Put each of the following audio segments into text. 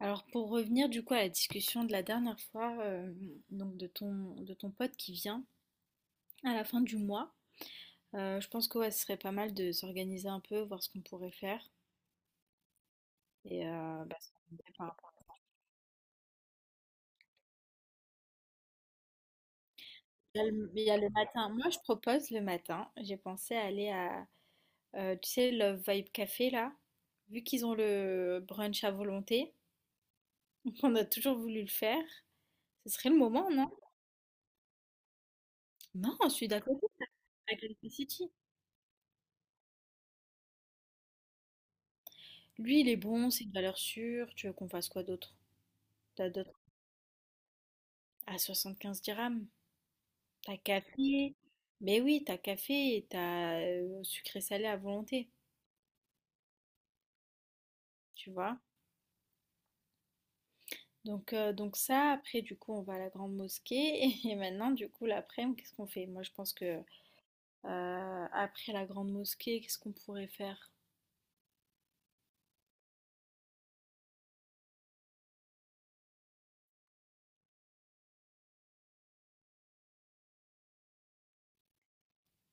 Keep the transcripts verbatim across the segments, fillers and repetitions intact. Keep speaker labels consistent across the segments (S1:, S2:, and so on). S1: Alors pour revenir du coup à la discussion de la dernière fois, euh, donc de ton, de ton pote qui vient à la fin du mois, euh, je pense que ouais, ce serait pas mal de s'organiser un peu, voir ce qu'on pourrait faire et euh, bah, s'organiser par rapport à- Il y a le il y a le matin. Moi, je propose le matin. J'ai pensé à aller à, euh, tu sais, Love Vibe Café là, vu qu'ils ont le brunch à volonté, on a toujours voulu le faire. Ce serait le moment, non? Non, je suis d'accord avec City. Lui, il est bon, c'est une valeur sûre. Tu veux qu'on fasse quoi d'autre? T'as d'autres à soixante quinze dirhams. T'as café. Mais oui, t'as café et t'as euh, sucré salé à volonté, tu vois. Donc, euh, donc ça, après, du coup, on va à la grande mosquée. Et maintenant, du coup, l'après-midi, qu'est-ce qu'on fait? Moi, je pense que euh, après la grande mosquée, qu'est-ce qu'on pourrait faire?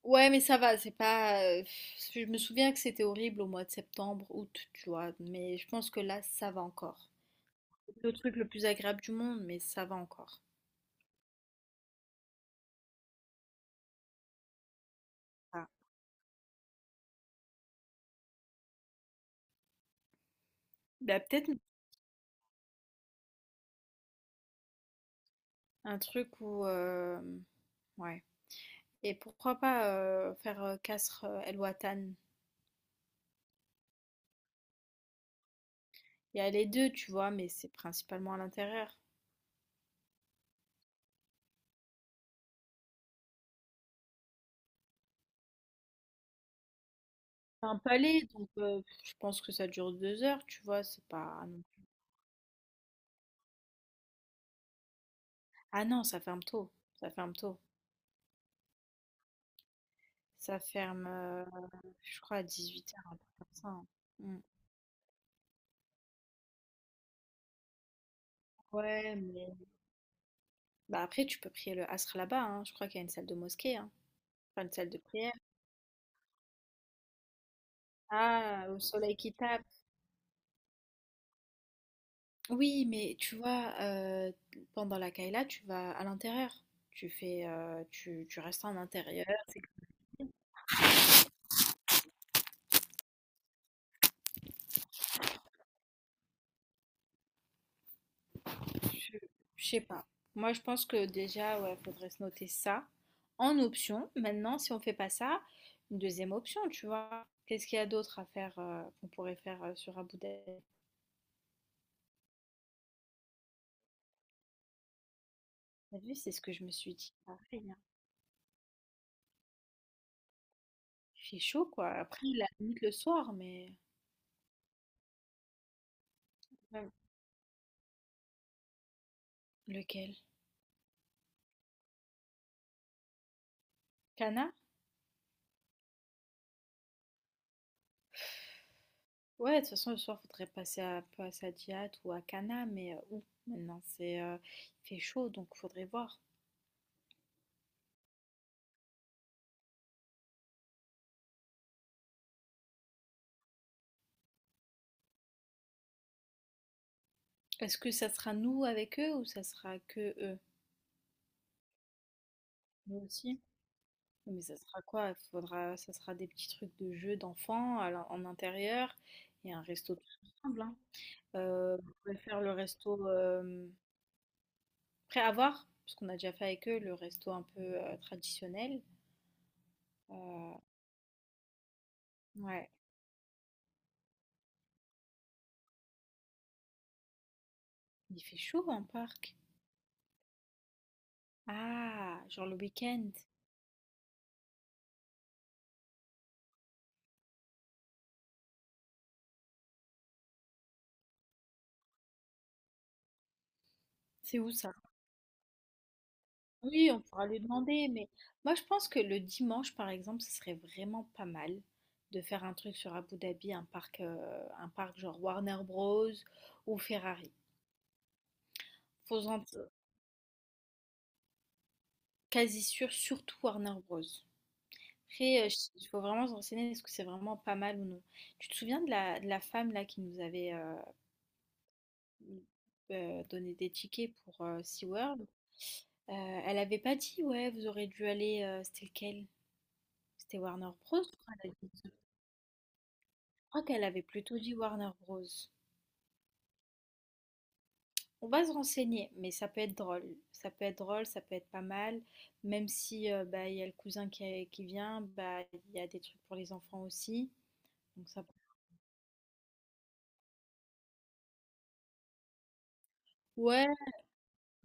S1: Ouais, mais ça va, c'est pas. euh, pff, Je me souviens que c'était horrible au mois de septembre, août, tu vois. Mais je pense que là, ça va encore. C'est le truc le plus agréable du monde, mais ça va encore. Ah. Bah, peut-être un truc où. euh, ouais. Et pourquoi pas euh, faire euh, Kasr euh, El Watan? Il y a les deux, tu vois, mais c'est principalement à l'intérieur. C'est un palais, donc euh, je pense que ça dure deux heures, tu vois, c'est pas. Ah non. Ah non, ça ferme tôt. Ça ferme tôt. Ça ferme, euh, je crois, à dix-huit heures, un truc comme ça, hein. Mm. Ouais, mais. Bah après, tu peux prier le Asr là-bas, hein. Je crois qu'il y a une salle de mosquée, hein. Enfin, une salle de prière. Ah, au soleil qui tape. Oui, mais tu vois, euh, pendant la Kayla, tu vas à l'intérieur. Tu fais, euh, tu, tu restes en intérieur. C'est- Je, je sais pas. Moi, je pense que déjà, ouais, faudrait se noter ça en option. Maintenant, si on fait pas ça, une deuxième option, tu vois. Qu'est-ce qu'il y a d'autre à faire euh, qu'on pourrait faire euh, sur Abu Dhabi? T'as vu, c'est ce que je me suis dit. Pareil, hein. Il fait chaud, quoi. Après, la limite le soir, mais ouais. Lequel? Cana? Ouais, de toute façon, le soir, faudrait passer à, un peu à Sadiat ou à Cana, mais euh, où maintenant c'est, euh, il fait chaud, donc faudrait voir. Est-ce que ça sera nous avec eux ou ça sera que eux? Nous aussi. Mais ça sera quoi? Faudra, ça sera des petits trucs de jeux d'enfants à l'in- en intérieur et un resto tout ensemble, hein. Euh, on pourrait faire le resto euh, après avoir, parce qu'on a déjà fait avec eux le resto un peu euh, traditionnel. Euh, ouais, il fait chaud en parc. Ah, genre le week-end. C'est où ça? Oui, on pourra lui demander, mais moi je pense que le dimanche, par exemple, ce serait vraiment pas mal de faire un truc sur Abu Dhabi, un parc, euh, un parc genre Warner Bros. Ou Ferrari. Faut en être quasi sûr, surtout Warner Bros. Après, euh, je- il faut vraiment se renseigner est-ce que c'est vraiment pas mal ou non. Tu te souviens de la, de la femme là qui nous avait euh, euh, donné des tickets pour euh, SeaWorld? Euh, elle avait pas dit, ouais, vous aurez dû aller, euh, c'était lequel? C'était Warner Bros. Je crois, elle a dit. Crois qu'elle avait plutôt dit Warner Bros. On va se renseigner, mais ça peut être drôle. Ça peut être drôle, ça peut être pas mal. Même si euh, bah, il y a le cousin qui, qui vient, bah, il y a des trucs pour les enfants aussi. Donc ça... Ouais,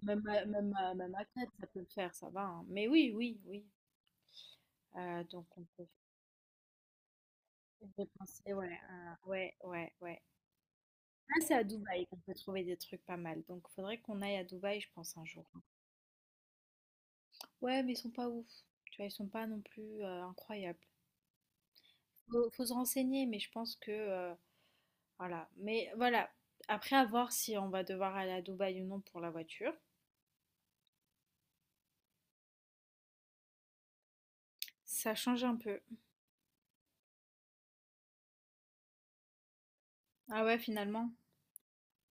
S1: même, à- même, à- même à quatre, ça peut le faire, ça va, hein. Mais oui, oui, oui. Euh, donc on peut je pensais, ouais, à- ouais, ouais, ouais, Là c'est à Dubaï qu'on peut trouver des trucs pas mal. Donc il faudrait qu'on aille à Dubaï, je pense, un jour. Ouais, mais ils sont pas ouf. Tu vois, ils sont pas non plus euh, incroyables. Faut faut se renseigner, mais je pense que euh, voilà. Mais voilà, après à voir si on va devoir aller à Dubaï ou non pour la voiture. Ça change un peu. Ah ouais, finalement.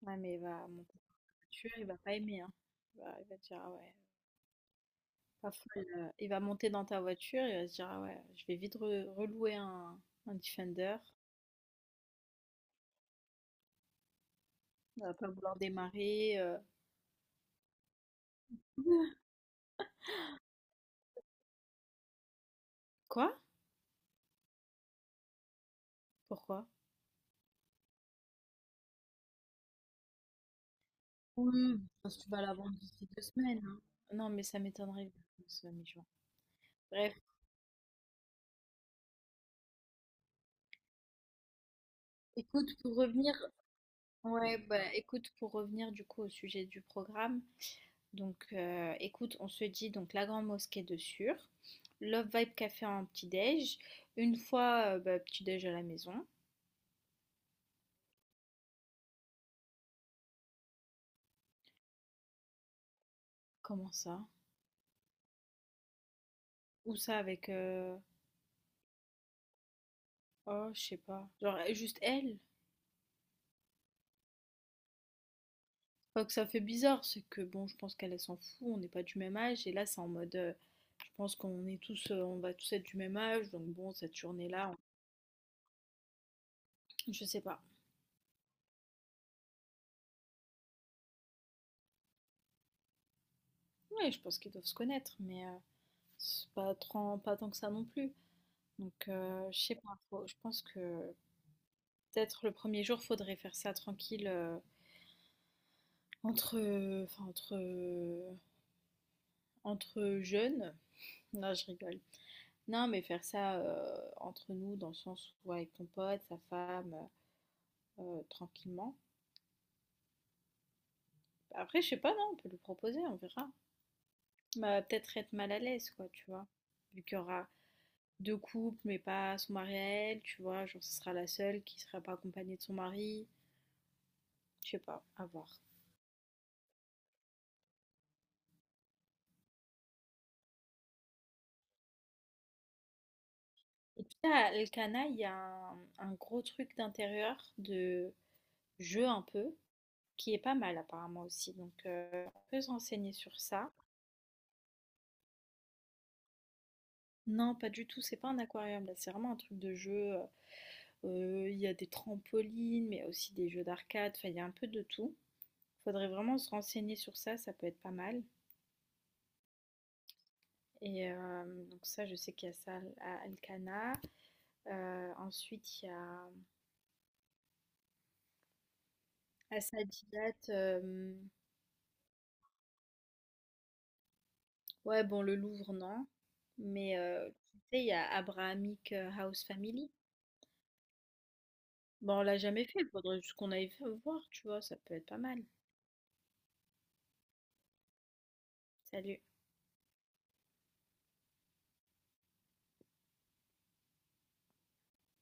S1: Ouais, mais il va monter dans la voiture, il va pas aimer, hein. Il va, il va dire ah ouais, pas folle. euh. Il va monter dans ta voiture, il va se dire ah ouais, je vais vite re- relouer un, un Defender. Il va pas vouloir démarrer. euh. Quoi? Pourquoi? Oui, parce que tu vas la vendre d'ici deux semaines, hein. Non, mais ça m'étonnerait que ça soit mi-juin. Bref, écoute, pour revenir ouais, bah, écoute, pour revenir du coup au sujet du programme, donc euh, écoute, on se dit donc la Grande Mosquée de Sûr, Love Vibe Café en petit-déj, une fois euh, bah, petit-déj à la maison. Comment ça? Ou ça avec euh, oh, je sais pas. Genre euh, juste elle. Pas que ça fait bizarre, c'est que bon, je pense qu'elle elle s'en fout, on n'est pas du même âge et là c'est en mode euh, je pense qu'on est tous euh, on va tous être du même âge, donc bon, cette journée-là, on- je sais pas. Ouais, je pense qu'ils doivent se connaître, mais euh, c'est pas trop, pas tant que ça non plus. Donc, euh, je sais pas, faut- je pense que peut-être le premier jour, faudrait faire ça tranquille euh, entre, euh, enfin, entre, euh, entre jeunes. Non, je rigole. Non, mais faire ça euh, entre nous, dans le sens où ouais, avec ton pote, sa femme, euh, tranquillement. Après, je sais pas, non, on peut lui proposer, on verra. Bah, peut-être être mal à l'aise, quoi, tu vois. Vu qu'il y aura deux couples, mais pas son mari à elle, tu vois, genre ce sera la seule qui sera pas accompagnée de son mari. Je sais pas, à voir. Et puis à Elkana, il y a un, un gros truc d'intérieur, de jeu un peu, qui est pas mal apparemment aussi. Donc euh, on peut se renseigner sur ça. Non, pas du tout, c'est pas un aquarium là, c'est vraiment un truc de jeu. Euh, Il y a des trampolines, mais il y a aussi des jeux d'arcade, enfin il y a un peu de tout. Faudrait vraiment se renseigner sur ça, ça peut être pas mal. Et euh, donc ça, je sais qu'il y a ça à Elkana. Euh, ensuite, il y a à Sadiat. Ouais, bon, le Louvre, non. Mais euh, tu sais, il y a Abrahamic euh, House Family. Bon, on l'a jamais fait, faudrait juste qu'on aille f- voir, tu vois, ça peut être pas mal. Salut.